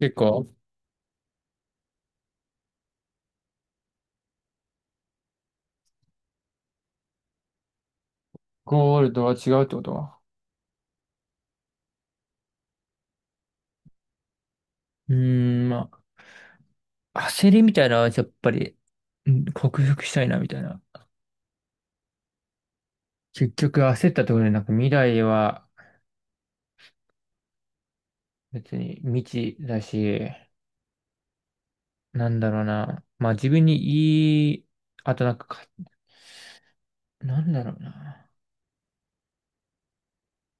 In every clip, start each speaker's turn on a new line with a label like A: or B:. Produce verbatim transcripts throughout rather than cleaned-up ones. A: 結構、ゴールドは違うってことは。うーん、まあ、焦りみたいなのはやっぱり、うん克服したいな、みたいな。結局焦ったところで、なんか未来は別に未知だし、なんだろうな。まあ自分にいい、あとなんかか、なんだろうな。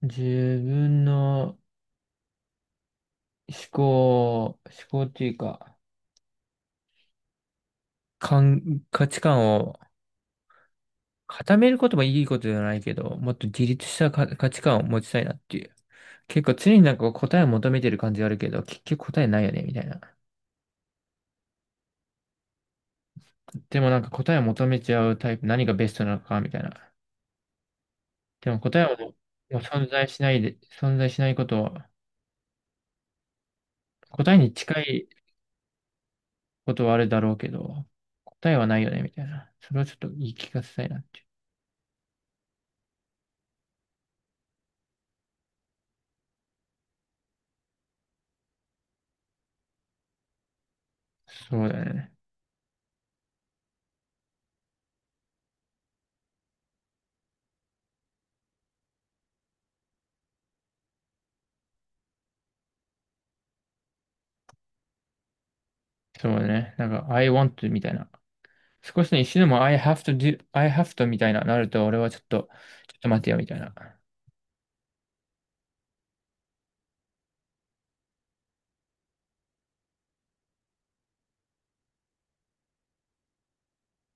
A: 自分の思考、思考っていうか、感価値観を固めることもいいことじゃないけど、もっと自立したか価値観を持ちたいなっていう。結構常になんか答えを求めてる感じがあるけど、結局答えないよね、みたいな。でもなんか答えを求めちゃうタイプ、何がベストなのか、みたいな。でも答えはもうもう存在しないで、存在しないことは、答えに近いことはあるだろうけど、答えはないよね、みたいな。それをちょっと言い聞かせたいなっていう。そうだよね。そうだね。なんか、I want to みたいな。少しね、一瞬でも I have to do, I have to みたいななると、俺はちょっと、ちょっと待てよ、みたいな。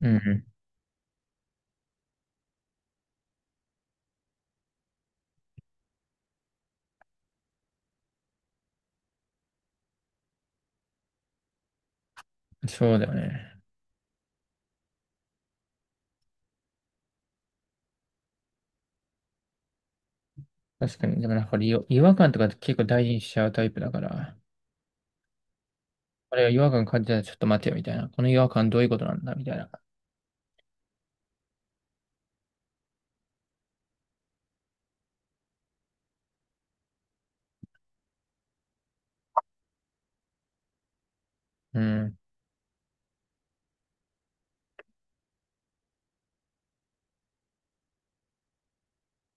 A: うんうん。そうだよね。確かに。でもなんか俺よ違和感とか結構大事にしちゃうタイプだから、あれは違和感感じたらちょっと待てよみたいな。この違和感どういうことなんだみたいな。うん。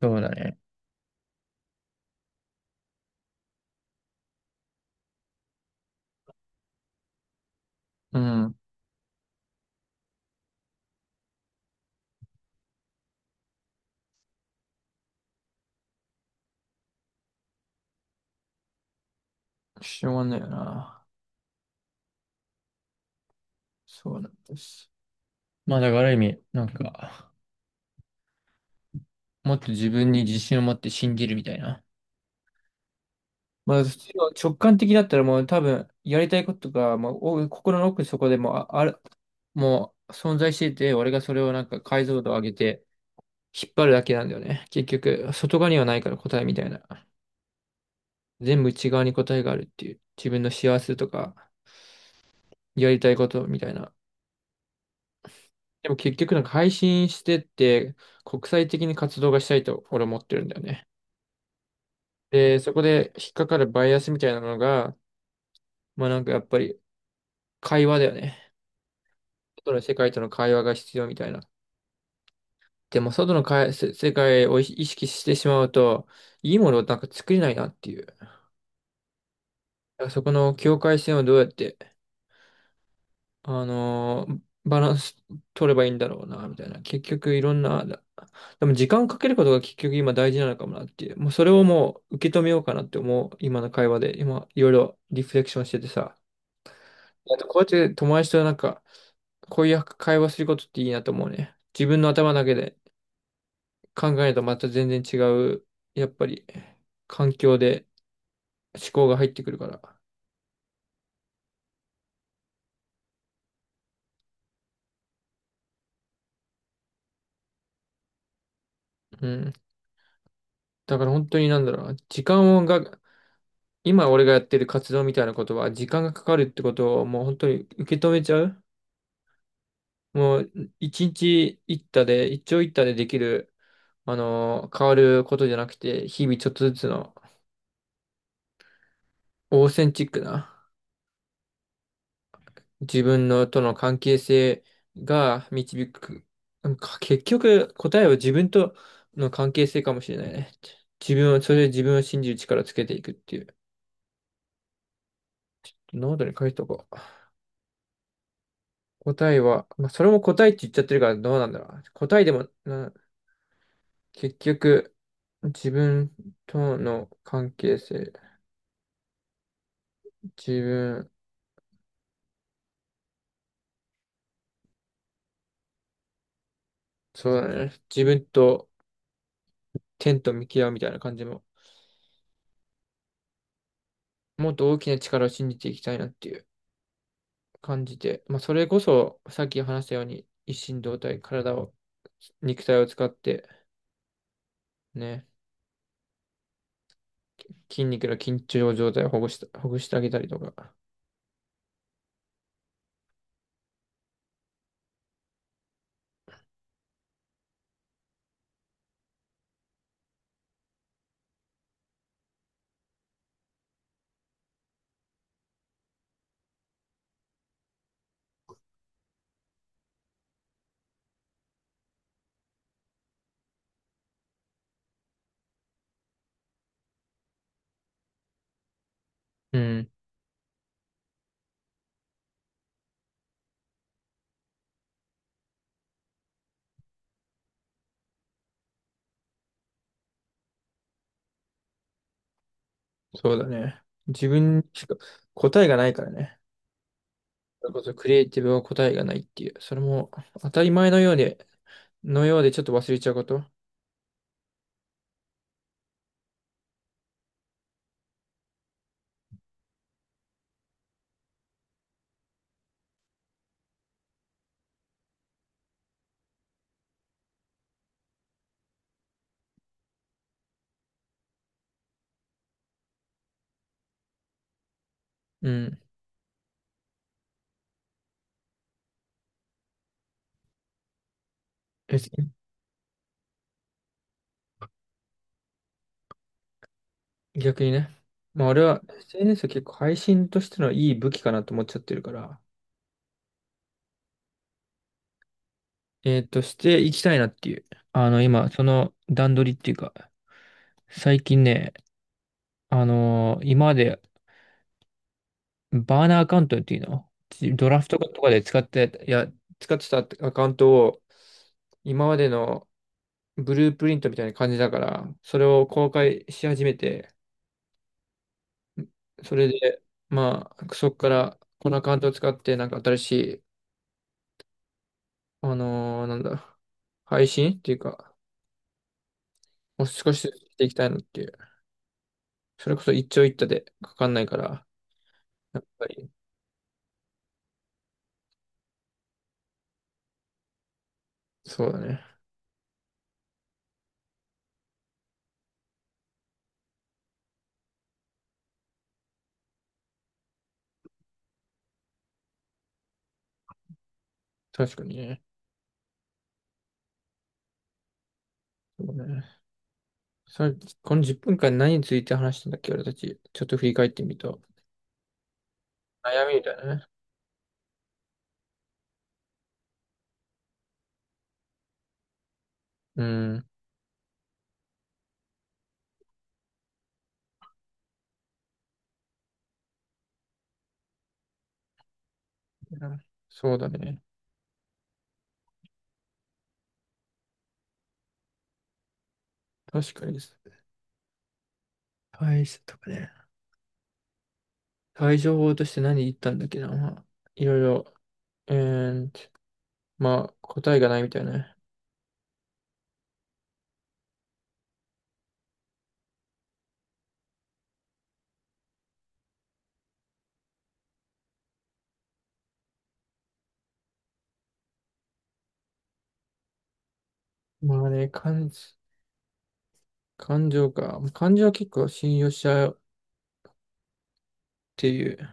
A: そうだね。うん。しょうがないよな。そうなんです。まあだからある意味、なんか、もっと自分に自信を持って信じるみたいな。まあ普通の直感的だったらもう多分やりたいことが、まあ、お心の奥底でもうあ、ある、もう存在してて、俺がそれをなんか解像度を上げて引っ張るだけなんだよね。結局、外側にはないから答えみたいな。全部内側に答えがあるっていう。自分の幸せとか、やりたいことみたいな。でも結局なんか配信してって、国際的に活動がしたいと俺思ってるんだよね。で、そこで引っかかるバイアスみたいなのが、まあなんかやっぱり会話だよね。外の世界との会話が必要みたいな。でも外のかいせ世界を意識してしまうと、いいものをなんか作れないなっていう。だからそこの境界線をどうやってあのーバランス取ればいいんだろうな、みたいな。結局いろんな、だでも時間をかけることが結局今大事なのかもなっていう。もうそれをもう受け止めようかなって思う、今の会話で。今、いろいろリフレクションしててさ。あとこうやって友達となんか、こういう会話することっていいなと思うね。自分の頭だけで考えるとまた全然違う、やっぱり、環境で思考が入ってくるから。うん。だから本当になんだろうな。時間が今俺がやってる活動みたいなことは時間がかかるってことをもう本当に受け止めちゃうもう一日一多で、一長一短でできる、あのー変わることじゃなくて、日々ちょっとずつのオーセンチックな自分のとの関係性が導く。なんか結局答えは自分との関係性かもしれないね。自分を、それで自分を信じる力をつけていくっていう。ノートに書いとこう。答えは、まあ、それも答えって言っちゃってるからどうなんだろう。答えでもな結局、自分との関係性、自分、そうだね。自分と天と向き合うみたいな感じも、もっと大きな力を信じていきたいなっていう感じで、まあ、それこそ、さっき話したように、一心同体、体を、肉体を使って、ね、筋肉の緊張状態をほぐした、ほぐしてあげたりとか。うん、そうだね。自分にしか答えがないからね。それこそクリエイティブは答えがないっていう、それも当たり前のようで、のようでちょっと忘れちゃうこと。うん。え逆にね。まあ俺は エスエヌエス は結構配信としてのいい武器かなと思っちゃってるから、えーと、していきたいなっていう。あの、今、その段取りっていうか、最近ね、あのー今までバーナーアカウントっていうの、ドラフトとかで使って、いや、使ってたアカウントを、今までのブループリントみたいな感じだから、それを公開し始めて、それで、まあ、そこから、このアカウントを使って、なんか新しい、あのーなんだ、配信っていうか、もう少しずつしていきたいのっていう。それこそ一長一短でかかんないから、やっぱり、そうだね。確かにね。そうね。さ、このじゅっぷんかん何について話したんだっけ、俺たち。ちょっと振り返ってみると。悩みみたいなね。うん。そうだね。確かにです。対処とかね。対処法として何言ったんだっけな。まあ、いろいろ、えーまあ、答えがないみたいなね。まあね、感、感情か。感情は結構信用しちゃうっていう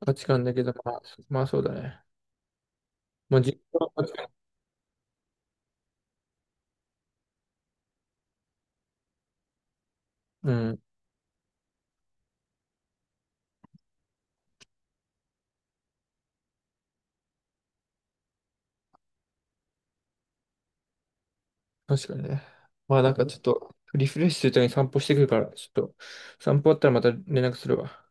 A: 価値観だけど、まあ、まあそうだね。まあ実感は確かにうん、確かにね。まあなんかちょっと、リフレッシュするために散歩してくるから、ちょっと、散歩終わったらまた連絡するわ。